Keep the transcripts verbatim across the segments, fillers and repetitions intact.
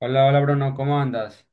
Hola, hola Bruno, ¿cómo andas?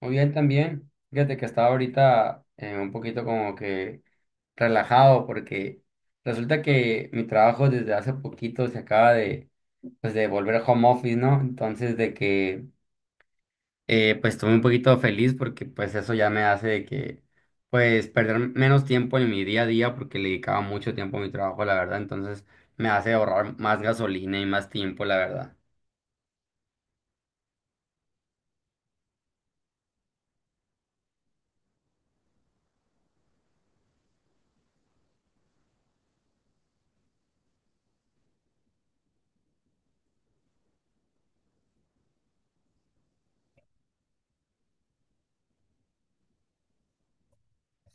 Muy bien también. Fíjate que estaba ahorita eh, un poquito como que relajado porque resulta que mi trabajo desde hace poquito se acaba de, pues, de volver a home office, ¿no? Entonces de que eh, pues estoy un poquito feliz porque pues eso ya me hace de que pues perder menos tiempo en mi día a día porque le dedicaba mucho tiempo a mi trabajo, la verdad. Entonces me hace ahorrar más gasolina y más tiempo, la verdad.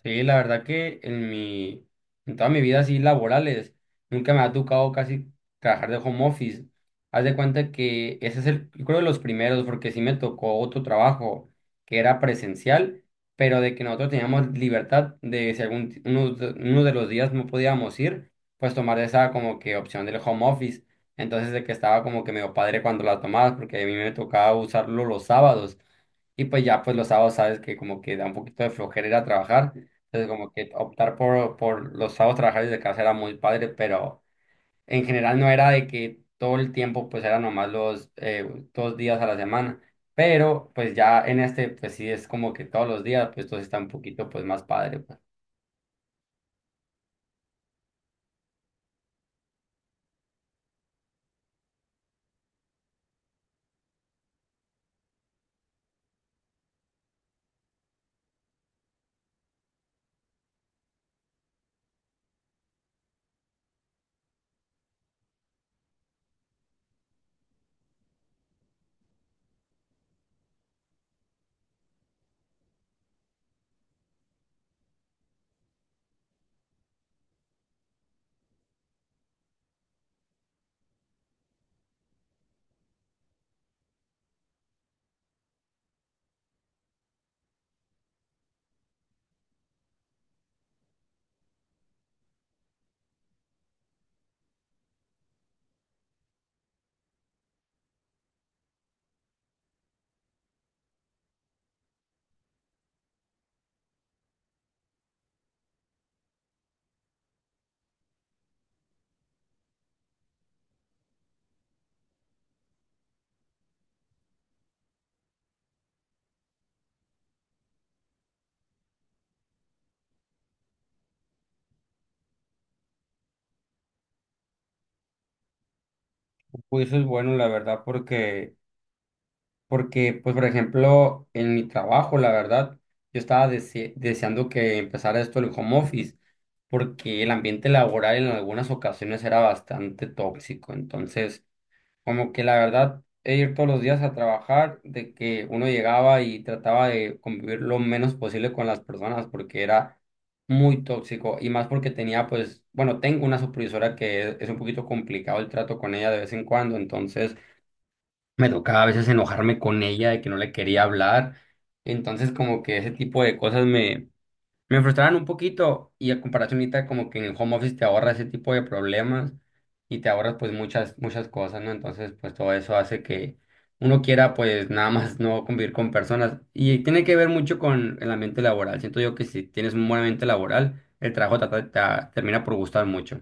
Sí, la verdad que en mi, en toda mi vida así laborales, nunca me ha tocado casi trabajar de home office. Haz de cuenta que ese es el, yo creo de los primeros, porque sí me tocó otro trabajo que era presencial, pero de que nosotros teníamos libertad de si algún, uno, de uno de los días no podíamos ir, pues tomar esa como que opción del home office. Entonces de que estaba como que medio padre cuando la tomabas, porque a mí me tocaba usarlo los sábados. Y pues ya, pues los sábados sabes que como que da un poquito de flojera ir a trabajar. Entonces, como que optar por, por los sábados trabajar desde casa era muy padre, pero en general no era de que todo el tiempo, pues era nomás los eh, dos días a la semana. Pero pues ya en este, pues sí es como que todos los días, pues todo está un poquito pues más padre. Pues, pues, eso es bueno, la verdad, porque, porque pues por ejemplo, en mi trabajo, la verdad, yo estaba dese- deseando que empezara esto el home office, porque el ambiente laboral en algunas ocasiones era bastante tóxico. Entonces como que la verdad, e ir todos los días a trabajar, de que uno llegaba y trataba de convivir lo menos posible con las personas porque era muy tóxico y más porque tenía pues, bueno, tengo una supervisora que es, es un poquito complicado el trato con ella de vez en cuando, entonces me tocaba a veces enojarme con ella de que no le quería hablar, entonces como que ese tipo de cosas me me frustraban un poquito y a comparación ahorita como que en el home office te ahorra ese tipo de problemas y te ahorras pues muchas, muchas cosas, ¿no? Entonces pues todo eso hace que uno quiera pues nada más no convivir con personas y tiene que ver mucho con el ambiente laboral. Siento yo que si tienes un buen ambiente laboral, el trabajo te, te- te termina por gustar mucho.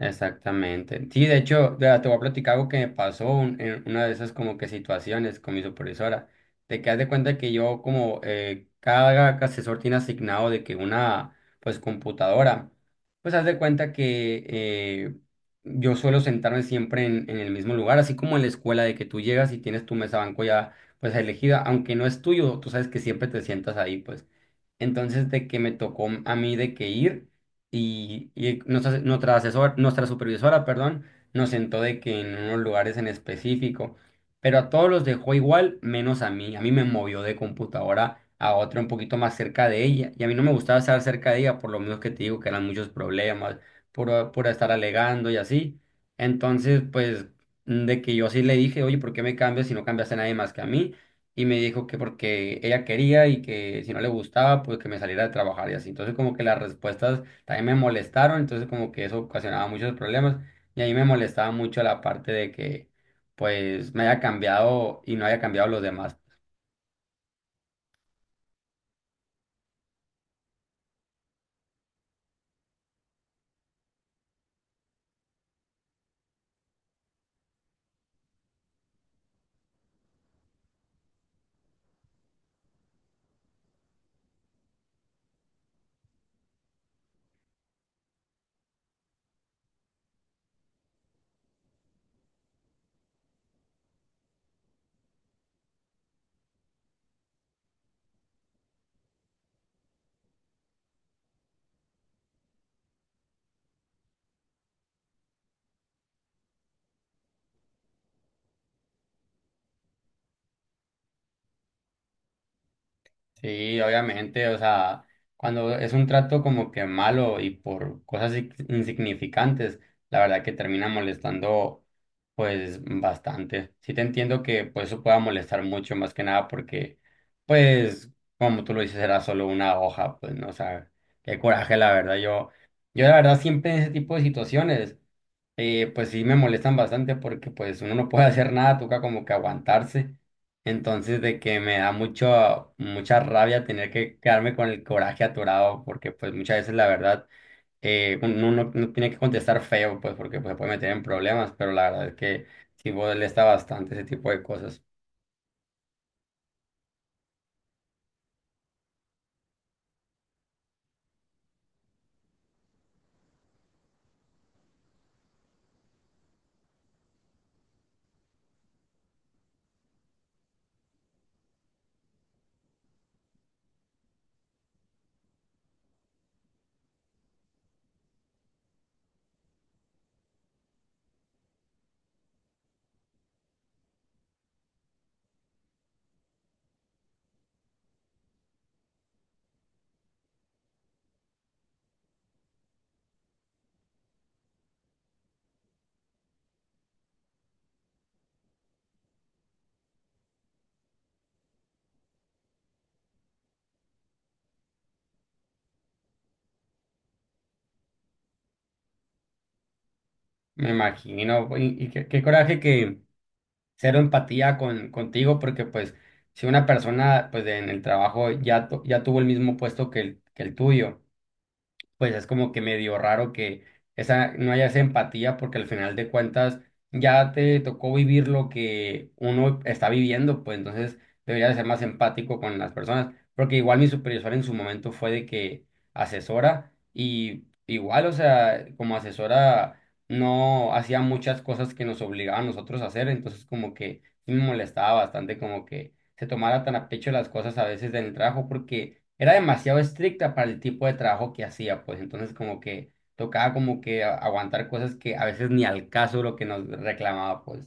Exactamente. Sí, de hecho, vea, te voy a platicar algo que me pasó un- en una de esas como que situaciones con mi supervisora, de que haz de cuenta que yo como eh, cada asesor tiene asignado de que una pues computadora, pues haz de cuenta que eh, yo suelo sentarme siempre en, en el mismo lugar, así como en la escuela de que tú llegas y tienes tu mesa banco ya pues elegida, aunque no es tuyo, tú sabes que siempre te sientas ahí pues. Entonces, de que me tocó a mí de que ir y, y nuestra, nuestra asesor, nuestra supervisora, perdón, nos sentó de que en unos lugares en específico, pero a todos los dejó igual, menos a mí. A mí me movió de computadora a otra un poquito más cerca de ella. Y a mí no me gustaba estar cerca de ella, por lo mismo que te digo que eran muchos problemas, por, por estar alegando y así. Entonces, pues, de que yo sí le dije, oye, ¿por qué me cambias si no cambiaste a nadie más que a mí? Y me dijo que porque ella quería y que si no le gustaba, pues que me saliera de trabajar y así. Entonces como que las respuestas también me molestaron, entonces como que eso ocasionaba muchos problemas y a mí me molestaba mucho la parte de que pues me haya cambiado y no haya cambiado los demás. Sí, obviamente, o sea, cuando es un trato como que malo y por cosas in- insignificantes, la verdad que termina molestando pues bastante. Sí te entiendo que pues eso pueda molestar mucho más que nada porque pues como tú lo dices era solo una hoja, pues no, o sea, qué coraje la verdad. Yo yo la verdad siempre en ese tipo de situaciones eh, pues sí me molestan bastante porque pues uno no puede hacer nada, toca como que aguantarse. Entonces de que me da mucho, mucha rabia tener que quedarme con el coraje atorado porque pues muchas veces la verdad eh, uno no, no tiene que contestar feo pues porque pues, se puede meter en problemas, pero la verdad es que sí molesta bastante ese tipo de cosas. Me imagino, y, y qué, qué coraje que cero empatía con, contigo porque pues si una persona pues en el trabajo ya, tu- ya tuvo el mismo puesto que el, que el tuyo pues es como que medio raro que esa, no haya esa empatía porque al final de cuentas ya te tocó vivir lo que uno está viviendo, pues entonces debería de ser más empático con las personas, porque igual mi supervisor en su momento fue de que asesora y igual, o sea, como asesora no hacía muchas cosas que nos obligaban a nosotros a hacer, entonces como que sí me molestaba bastante como que se tomara tan a pecho las cosas a veces del trabajo porque era demasiado estricta para el tipo de trabajo que hacía, pues entonces como que tocaba como que a- aguantar cosas que a veces ni al caso lo que nos reclamaba, pues.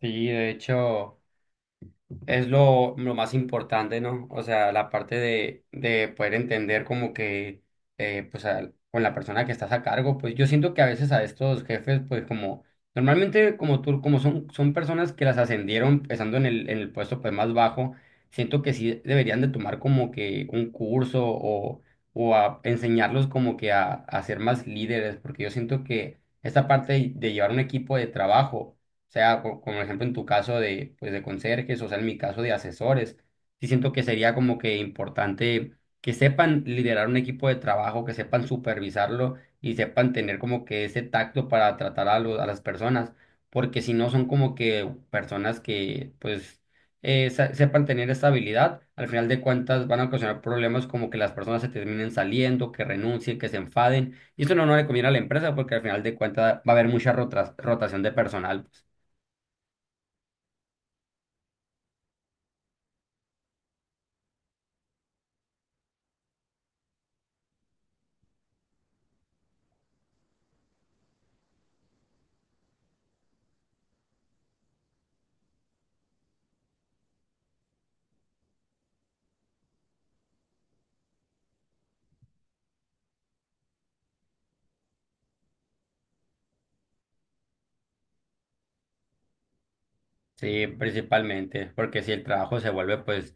Sí, de hecho. Es lo, lo más importante, ¿no? O sea, la parte de, de poder entender como que, eh, pues, al- con la persona que estás a cargo, pues yo siento que a veces a estos jefes, pues como, normalmente como tú, como son, son personas que las ascendieron estando en el, en el puesto pues más bajo, siento que sí deberían de tomar como que un curso o, o a enseñarlos como que a, a ser más líderes, porque yo siento que esta parte de llevar un equipo de trabajo sea, co- como ejemplo en tu caso de, pues, de conserjes, o sea, en mi caso de asesores, sí siento que sería como que importante que sepan liderar un equipo de trabajo, que sepan supervisarlo y sepan tener como que ese tacto para tratar a, lo- a las personas, porque si no son como que personas que, pues, eh, se- sepan tener esta habilidad, al final de cuentas van a ocasionar problemas como que las personas se terminen saliendo, que renuncien, que se enfaden, y eso no, no le conviene a la empresa porque al final de cuentas va a haber mucha rotas- rotación de personal. Pues. Sí, principalmente, porque si el trabajo se vuelve pues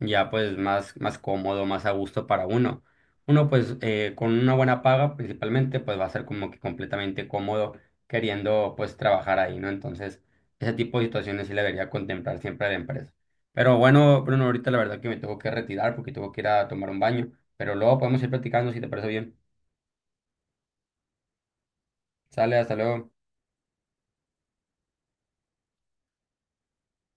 ya pues más, más cómodo, más a gusto para uno. Uno pues eh, con una buena paga principalmente pues va a ser como que completamente cómodo queriendo pues trabajar ahí, ¿no? Entonces ese tipo de situaciones sí la debería contemplar siempre la empresa. Pero bueno, Bruno, ahorita la verdad que me tengo que retirar porque tengo que ir a tomar un baño, pero luego podemos ir platicando si te parece bien. Sale, hasta luego.